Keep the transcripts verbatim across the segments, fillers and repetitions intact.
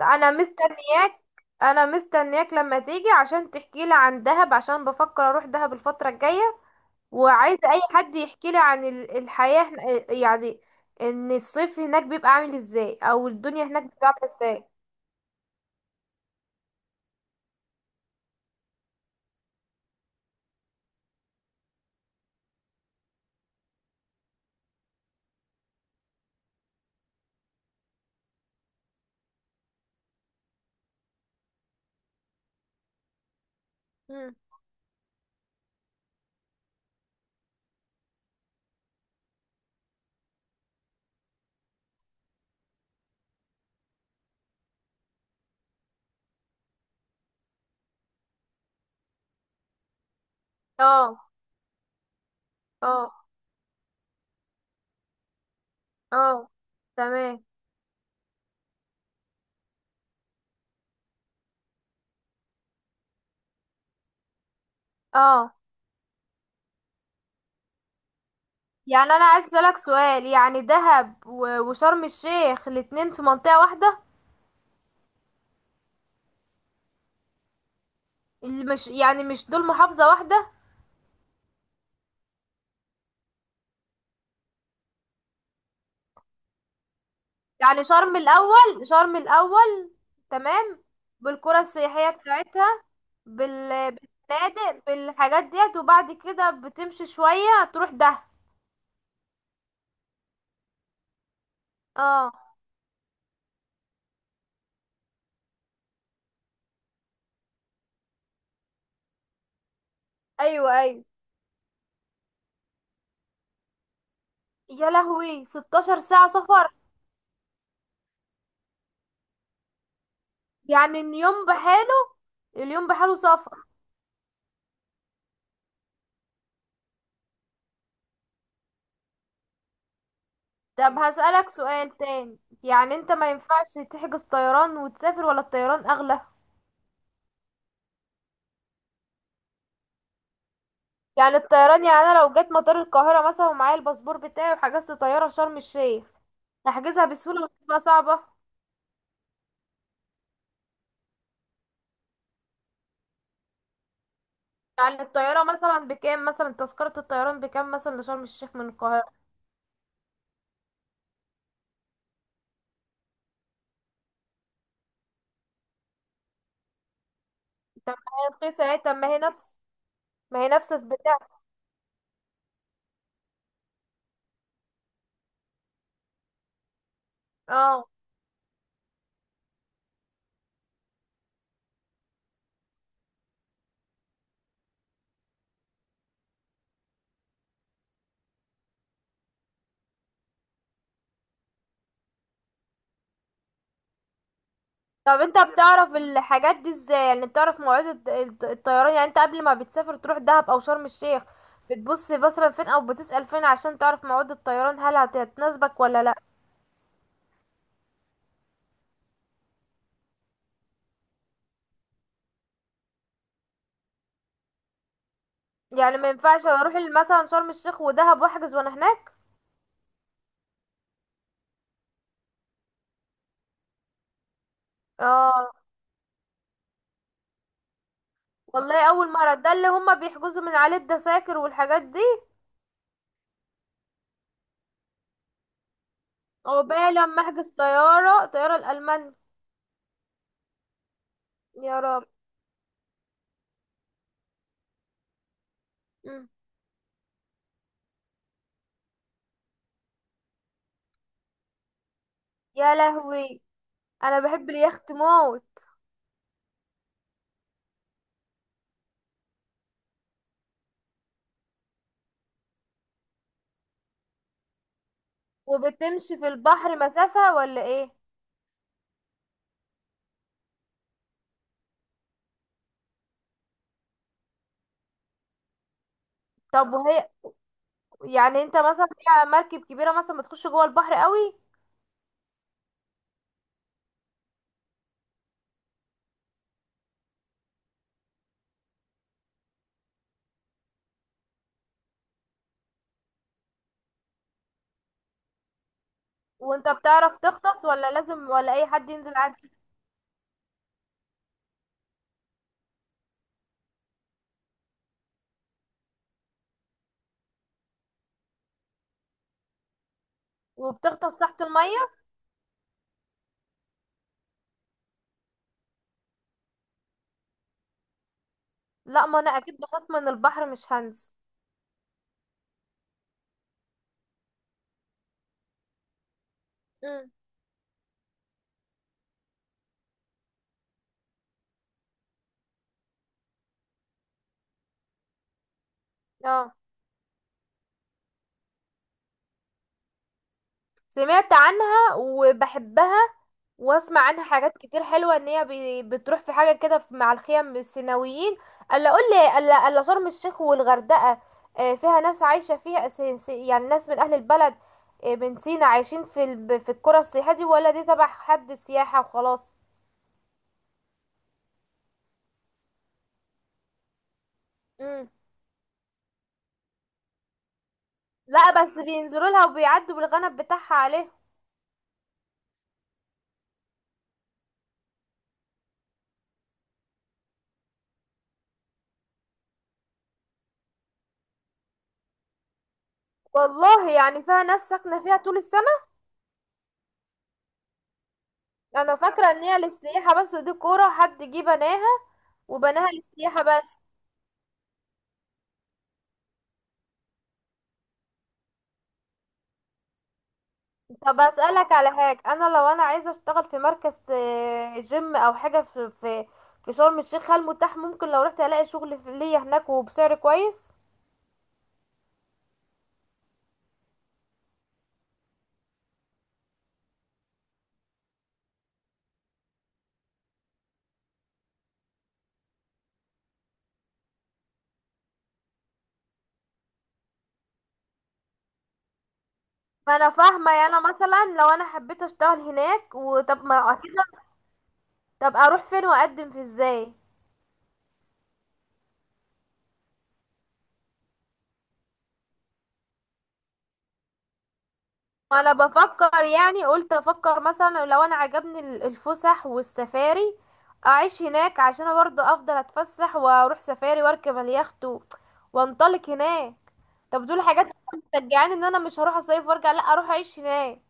انا مستنياك انا مستنياك لما تيجي عشان تحكي لي عن دهب، عشان بفكر اروح دهب الفترة الجاية. وعايزة اي حد يحكي لي عن ال- الحياة هن- يعني ان الصيف هناك بيبقى عامل ازاي، او الدنيا هناك بتبقى عاملة ازاي. مم. اه، اه، اه. تمام. اه. يعني انا عايز اسألك سؤال، يعني دهب و- وشرم الشيخ الاتنين في منطقة واحدة؟ اللي مش، يعني مش دول محافظة واحدة؟ يعني شرم الأول، شرم الأول. تمام. بالقرى السياحية بتاعتها، بال... بالفنادق، بالحاجات ديت، وبعد كده بتمشي شوية تروح ده. اه. ايوه، ايوه. يا لهوي، ستاشر ساعة سفر؟ يعني اليوم بحاله، اليوم بحاله سفر. طب هسألك سؤال تاني، يعني انت ما ينفعش تحجز طيران وتسافر؟ ولا الطيران أغلى؟ يعني الطيران، يعني انا لو جت مطار القاهرة مثلا ومعايا الباسبور بتاعي، وحجزت طيارة شرم الشيخ، هحجزها بسهولة ولا هتبقى صعبة؟ يعني الطيارة مثلا بكام، مثلا تذكرة الطيران بكام مثلا لشرم الشيخ من القاهرة؟ طب ما هي رخيصة اهي. طب ما هي نفس ما هي نفس البتاع. اه. طب انت بتعرف الحاجات دي ازاي؟ يعني بتعرف مواعيد الط- الط- الطيران، يعني انت قبل ما بتسافر تروح دهب او شرم الشيخ، بتبص مثلا فين او بتسأل فين عشان تعرف مواعيد الطيران، هل هت- هتناسبك ولا لا؟ يعني ما ينفعش اروح مثلا شرم الشيخ ودهب واحجز وانا هناك؟ اه. والله اول مره ده اللي هما بيحجزوا من عليه الدساكر والحاجات دي. او بقى لما احجز طياره، طياره الالمان. يا رب. مم. يا لهوي، انا بحب اليخت موت. وبتمشي في البحر مسافه ولا ايه؟ طب وهي، يعني انت مثلا، هي مركب كبيره مثلا بتخش جوه البحر قوي؟ وانت بتعرف تغطس ولا لازم، ولا اي حد ينزل عادي؟ وبتغطس تحت الميه؟ لا، ما انا اكيد بخاف من البحر، مش هنزل. اه. سمعت عنها وبحبها، واسمع عنها حاجات كتير حلوه، ان هي بي- بتروح في حاجه كده، في- مع الخيم السيناويين. الا اقول لي، الا الا شرم الشيخ والغردقه، آه، فيها ناس عايشه فيها، س- س- يعني ناس من اهل البلد، آه، من سينا عايشين في ال- في القرى السياحيه دي، ولا دي تبع حد السياحه وخلاص؟ مم. لا، بس بينزلوا لها وبيعدوا بالغنم بتاعها عليه. والله؟ يعني فيها ناس ساكنه فيها طول السنه؟ انا فاكره ان هي للسياحه بس، ودي قرى حد جه بناها وبناها للسياحة بس. طب أسألك على حاجة، أنا لو أنا عايزة أشتغل في مركز آه، جيم أو حاجة في في في شرم الشيخ، هل متاح؟ ممكن لو رحت ألاقي شغل في- ليا هناك وبسعر كويس؟ ما أنا فاهمة، يعني أنا مثلا لو أنا حبيت أشتغل هناك، وطب ما أكيد. طب أروح فين وأقدم في إزاي؟ ما انا بفكر، يعني قلت افكر مثلا لو انا عجبني ال- الفسح والسفاري، اعيش هناك، عشان انا برضه افضل اتفسح واروح سفاري واركب اليخت و- وانطلق هناك. طب دول حاجات أصلاً مشجعاني ان انا مش هروح اصيف وارجع، لا اروح اعيش هناك.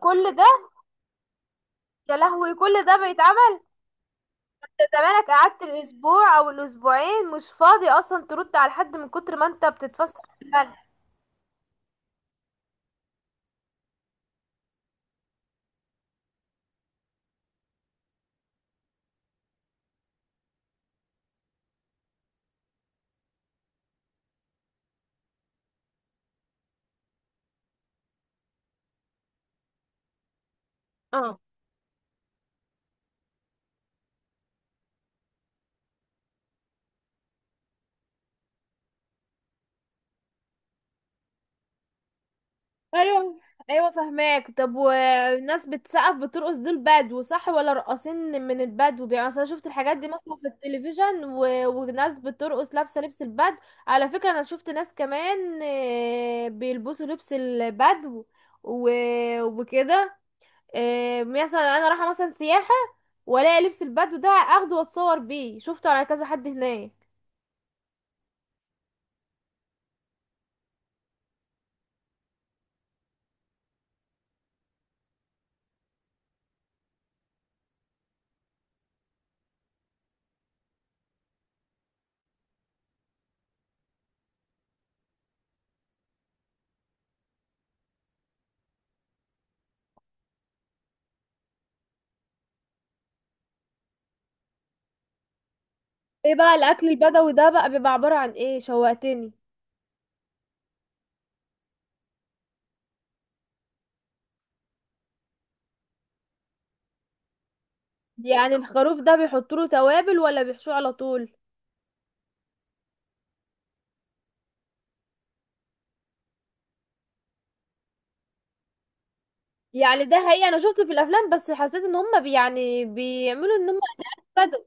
كل ده؟ يا لهوي، كل ده بيتعمل؟ يا زمانك، قعدت الاسبوع او الاسبوعين مش فاضي اصلا ترد على حد من كتر ما انت بتتفسح في البلد. ايوه، ايوه، فهماك. طب والناس بتسقف بترقص دول بدو صح، ولا راقصين من البدو؟ يعني أصل انا شفت الحاجات دي مثلا في التلفزيون و... وناس بترقص لابسه لبس البدو. على فكره، انا شفت ناس كمان، آه، بيلبسوا لبس البدو و... وكده، آه، مثلا انا رايحه مثلا سياحه، والاقي لبس البدو ده اخده واتصور بيه، شفته على كذا حد هناك. ايه بقى الاكل البدوي ده بقى، بيبقى عباره عن ايه؟ شوقتني. يعني الخروف ده بيحطوا له توابل، ولا بيحشوه على طول؟ يعني ده حقيقي، انا شفته في الافلام بس حسيت ان هم بي يعني بيعملوا ان هم يتبدوا.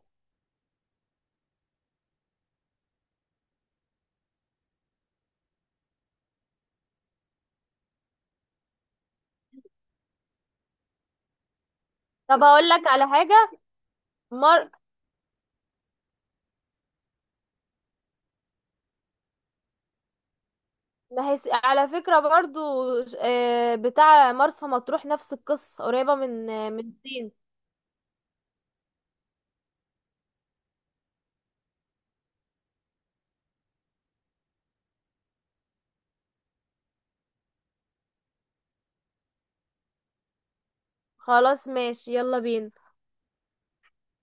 طب هقول لك على حاجه. مر. ما هي... على فكره برضو، آه، بتاع مرسى مطروح نفس القصه، قريبه من آه، من الصين. خلاص ماشي، يلا بينا.